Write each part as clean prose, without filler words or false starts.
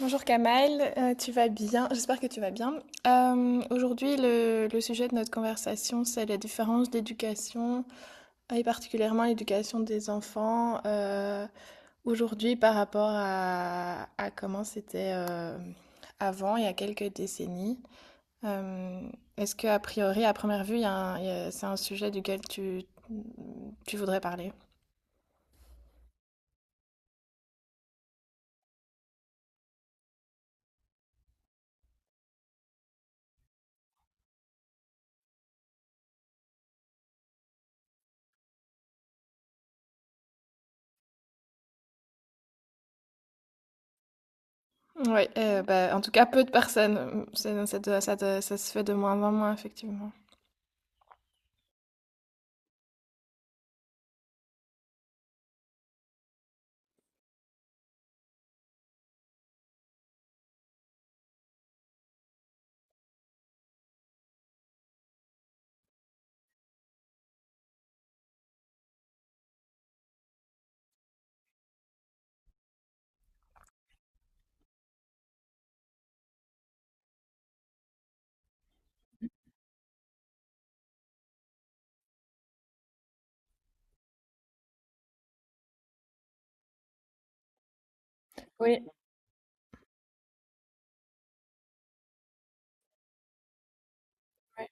Bonjour Kamal, tu vas bien? J'espère que tu vas bien. Aujourd'hui, le sujet de notre conversation, c'est la différence d'éducation, et particulièrement l'éducation des enfants aujourd'hui par rapport à comment c'était avant, il y a quelques décennies. Euh, Est-ce que, a priori, à première vue, il y a un- il y a- c'est un sujet duquel tu voudrais parler? Oui, bah, en tout cas, peu de personnes. Ça se fait de moins en moins, effectivement. Oui. Ouais,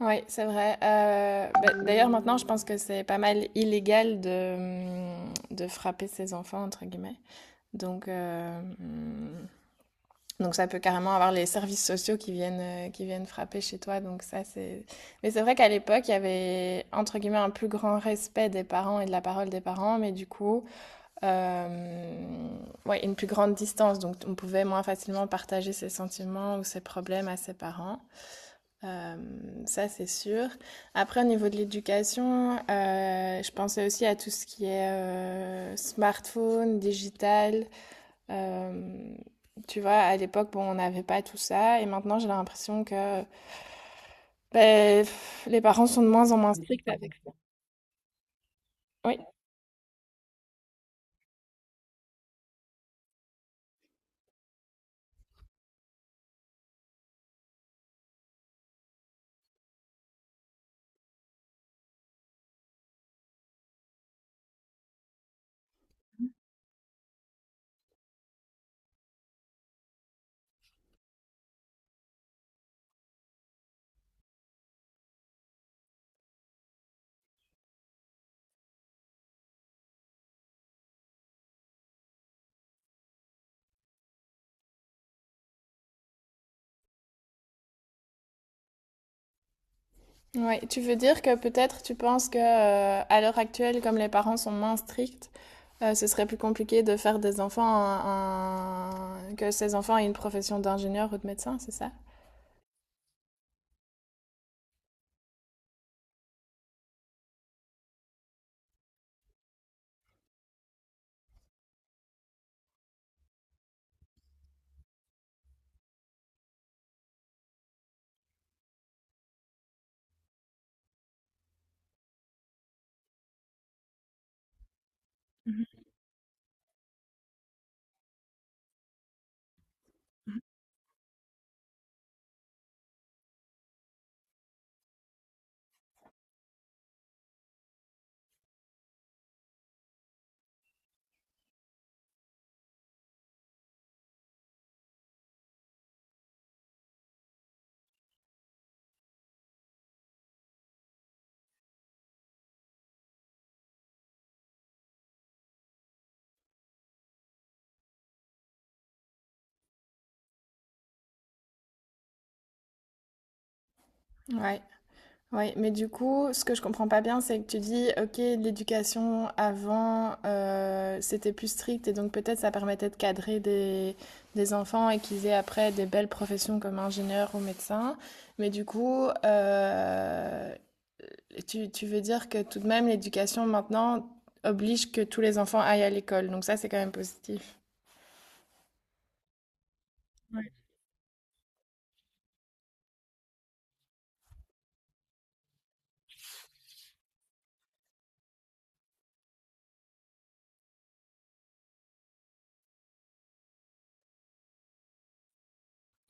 ouais, c'est vrai. Bah, d'ailleurs, maintenant, je pense que c'est pas mal illégal de frapper ses enfants, entre guillemets. Donc, euh, hum, donc ça peut carrément avoir les services sociaux qui viennent frapper chez toi. Donc ça, c'est… Mais c'est vrai qu'à l'époque, il y avait, entre guillemets, un plus grand respect des parents et de la parole des parents, mais du coup, euh, ouais, une plus grande distance. Donc, on pouvait moins facilement partager ses sentiments ou ses problèmes à ses parents. Euh, Ça, c'est sûr. Après, au niveau de l'éducation, je pensais aussi à tout ce qui est smartphone, digital. Euh, Tu vois, à l'époque, bon, on n'avait pas tout ça. Et maintenant, j'ai l'impression que ben, pff, les parents sont de moins en moins stricts avec. Oui. Ouais. Tu veux dire que peut-être tu penses que à l'heure actuelle, comme les parents sont moins stricts, ce serait plus compliqué de faire des enfants que ces enfants aient une profession d'ingénieur ou de médecin, c'est ça? Ouais. Oui, mais du coup, ce que je comprends pas bien, c'est que tu dis, ok, l'éducation avant, c'était plus strict et donc peut-être ça permettait de cadrer des enfants et qu'ils aient après des belles professions comme ingénieur ou médecin. Mais du coup, tu veux dire que tout de même, l'éducation maintenant oblige que tous les enfants aillent à l'école. Donc ça, c'est quand même positif.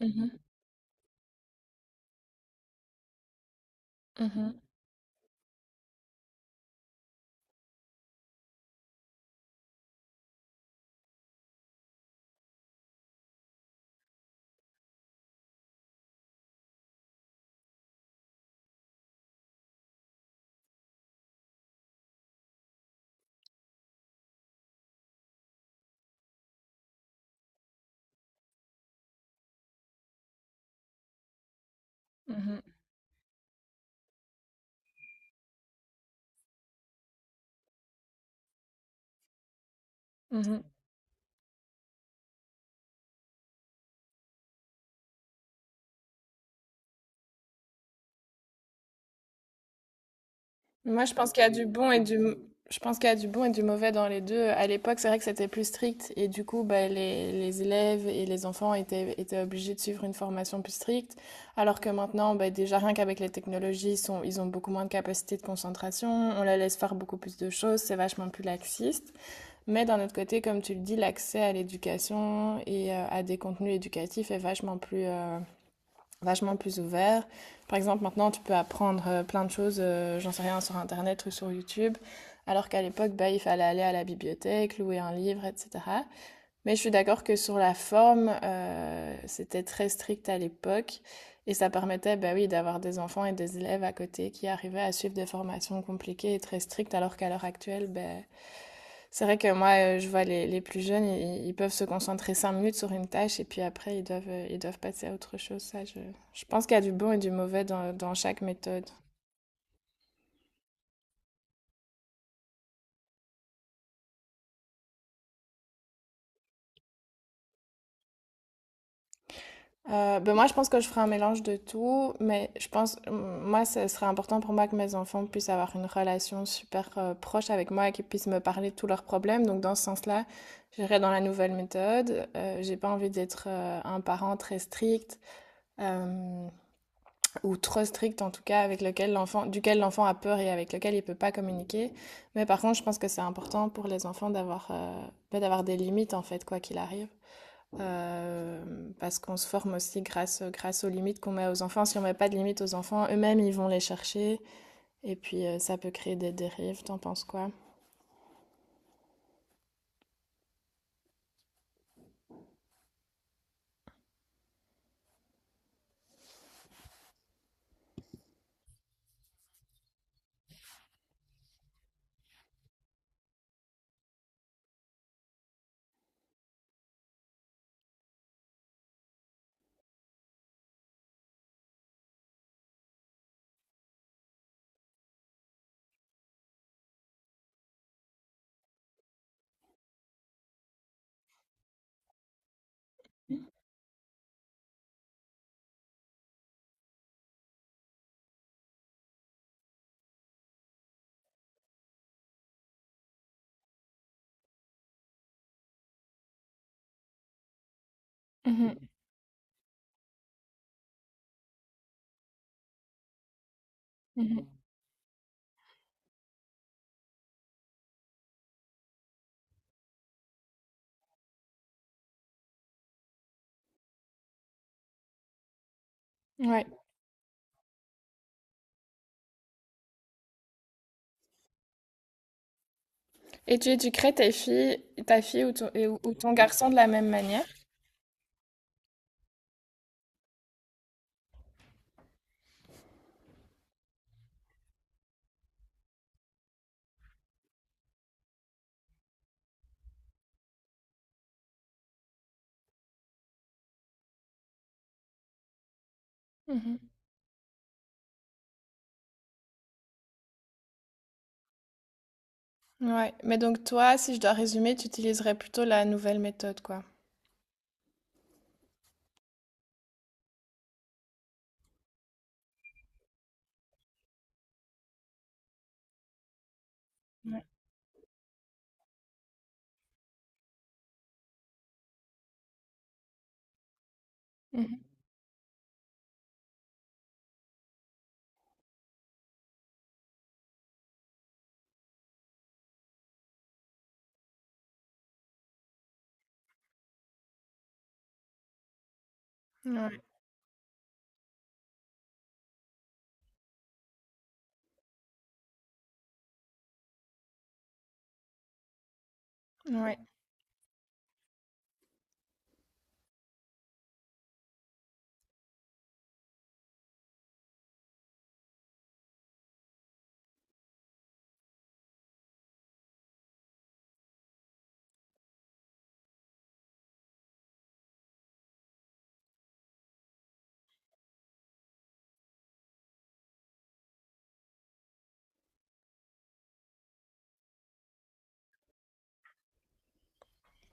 Mhm, mhm, mhm, mhm. Moi, je pense qu'il y a du bon et je pense qu'il y a du bon et du mauvais dans les deux. À l'époque, c'est vrai que c'était plus strict et du coup, bah, les élèves et les enfants étaient obligés de suivre une formation plus stricte, alors que maintenant, bah, déjà rien qu'avec les technologies, ils ont beaucoup moins de capacité de concentration, on les laisse faire beaucoup plus de choses, c'est vachement plus laxiste. Mais d'un autre côté, comme tu le dis, l'accès à l'éducation et à des contenus éducatifs est vachement plus ouvert. Par exemple, maintenant, tu peux apprendre plein de choses, j'en sais rien, sur Internet ou sur YouTube, alors qu'à l'époque, bah, il fallait aller à la bibliothèque, louer un livre, etc. Mais je suis d'accord que sur la forme, c'était très strict à l'époque, et ça permettait, bah oui, d'avoir des enfants et des élèves à côté qui arrivaient à suivre des formations compliquées et très strictes, alors qu'à l'heure actuelle, bah, c'est vrai que moi, je vois les plus jeunes, ils peuvent se concentrer 5 minutes sur une tâche et puis après, ils doivent passer à autre chose. Je pense qu'il y a du bon et du mauvais dans, dans chaque méthode. Ben moi, je pense que je ferai un mélange de tout, mais je pense, moi, ce serait important pour moi que mes enfants puissent avoir une relation super proche avec moi et qu'ils puissent me parler de tous leurs problèmes. Donc, dans ce sens-là, j'irai dans la nouvelle méthode. J'ai pas envie d'être un parent très strict. Euh, ou trop strict en tout cas, avec lequel l'enfant, duquel l'enfant a peur et avec lequel il ne peut pas communiquer. Mais par contre, je pense que c'est important pour les enfants d'avoir bah, d'avoir des limites en fait, quoi qu'il arrive. Euh, Parce qu'on se forme aussi grâce aux limites qu'on met aux enfants. Si on ne met pas de limites aux enfants, eux-mêmes, ils vont les chercher. Et puis, ça peut créer des dérives. T'en penses quoi? Mhm, mhm. Ouais. Et tu éduquerais tes filles, ta fille ou ou ton garçon de la même manière? Mhm. Ouais, mais donc toi, si je dois résumer, tu utiliserais plutôt la nouvelle méthode, quoi. Mhm. Ouais, ouais,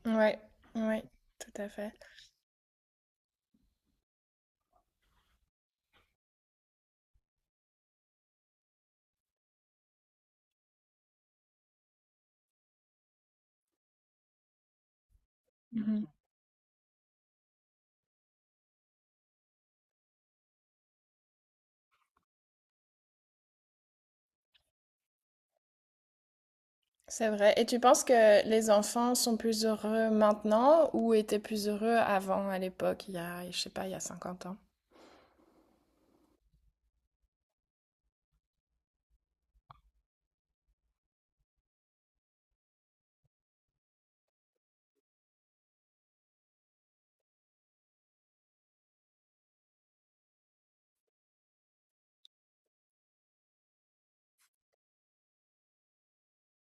ouais, ouais, tout à fait. Mhm. C'est vrai. Et tu penses que les enfants sont plus heureux maintenant ou étaient plus heureux avant, à l'époque, il y a, je sais pas, il y a 50 ans?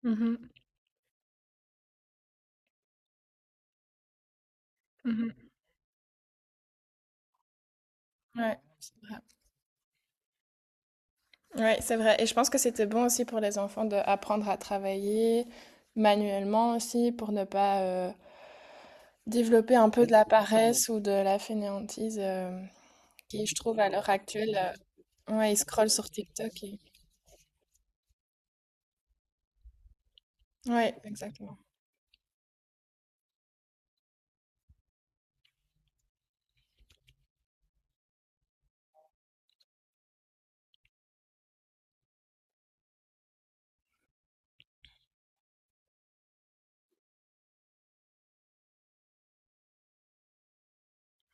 Mhm, mhm. Ouais, c'est vrai. Ouais, c'est vrai. Et je pense que c'était bon aussi pour les enfants d'apprendre à travailler manuellement aussi pour ne pas développer un peu de la paresse ou de la fainéantise. Qui, je trouve, à l'heure actuelle, ouais, ils scrollent sur TikTok et… Ouais, exactement.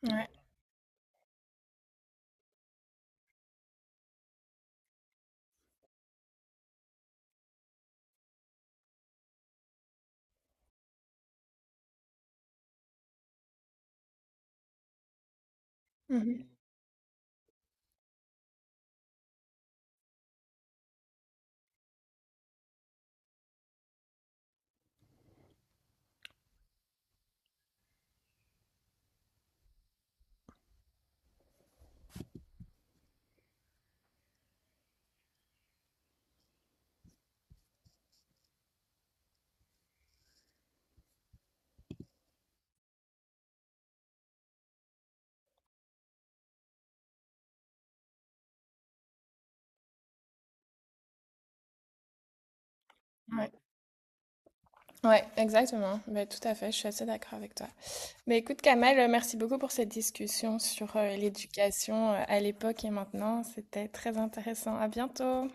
Ouais. Mhm. Ouais. Ouais, exactement. Mais tout à fait, je suis assez d'accord avec toi. Mais écoute, Kamel, merci beaucoup pour cette discussion sur l'éducation à l'époque et maintenant. C'était très intéressant. À bientôt.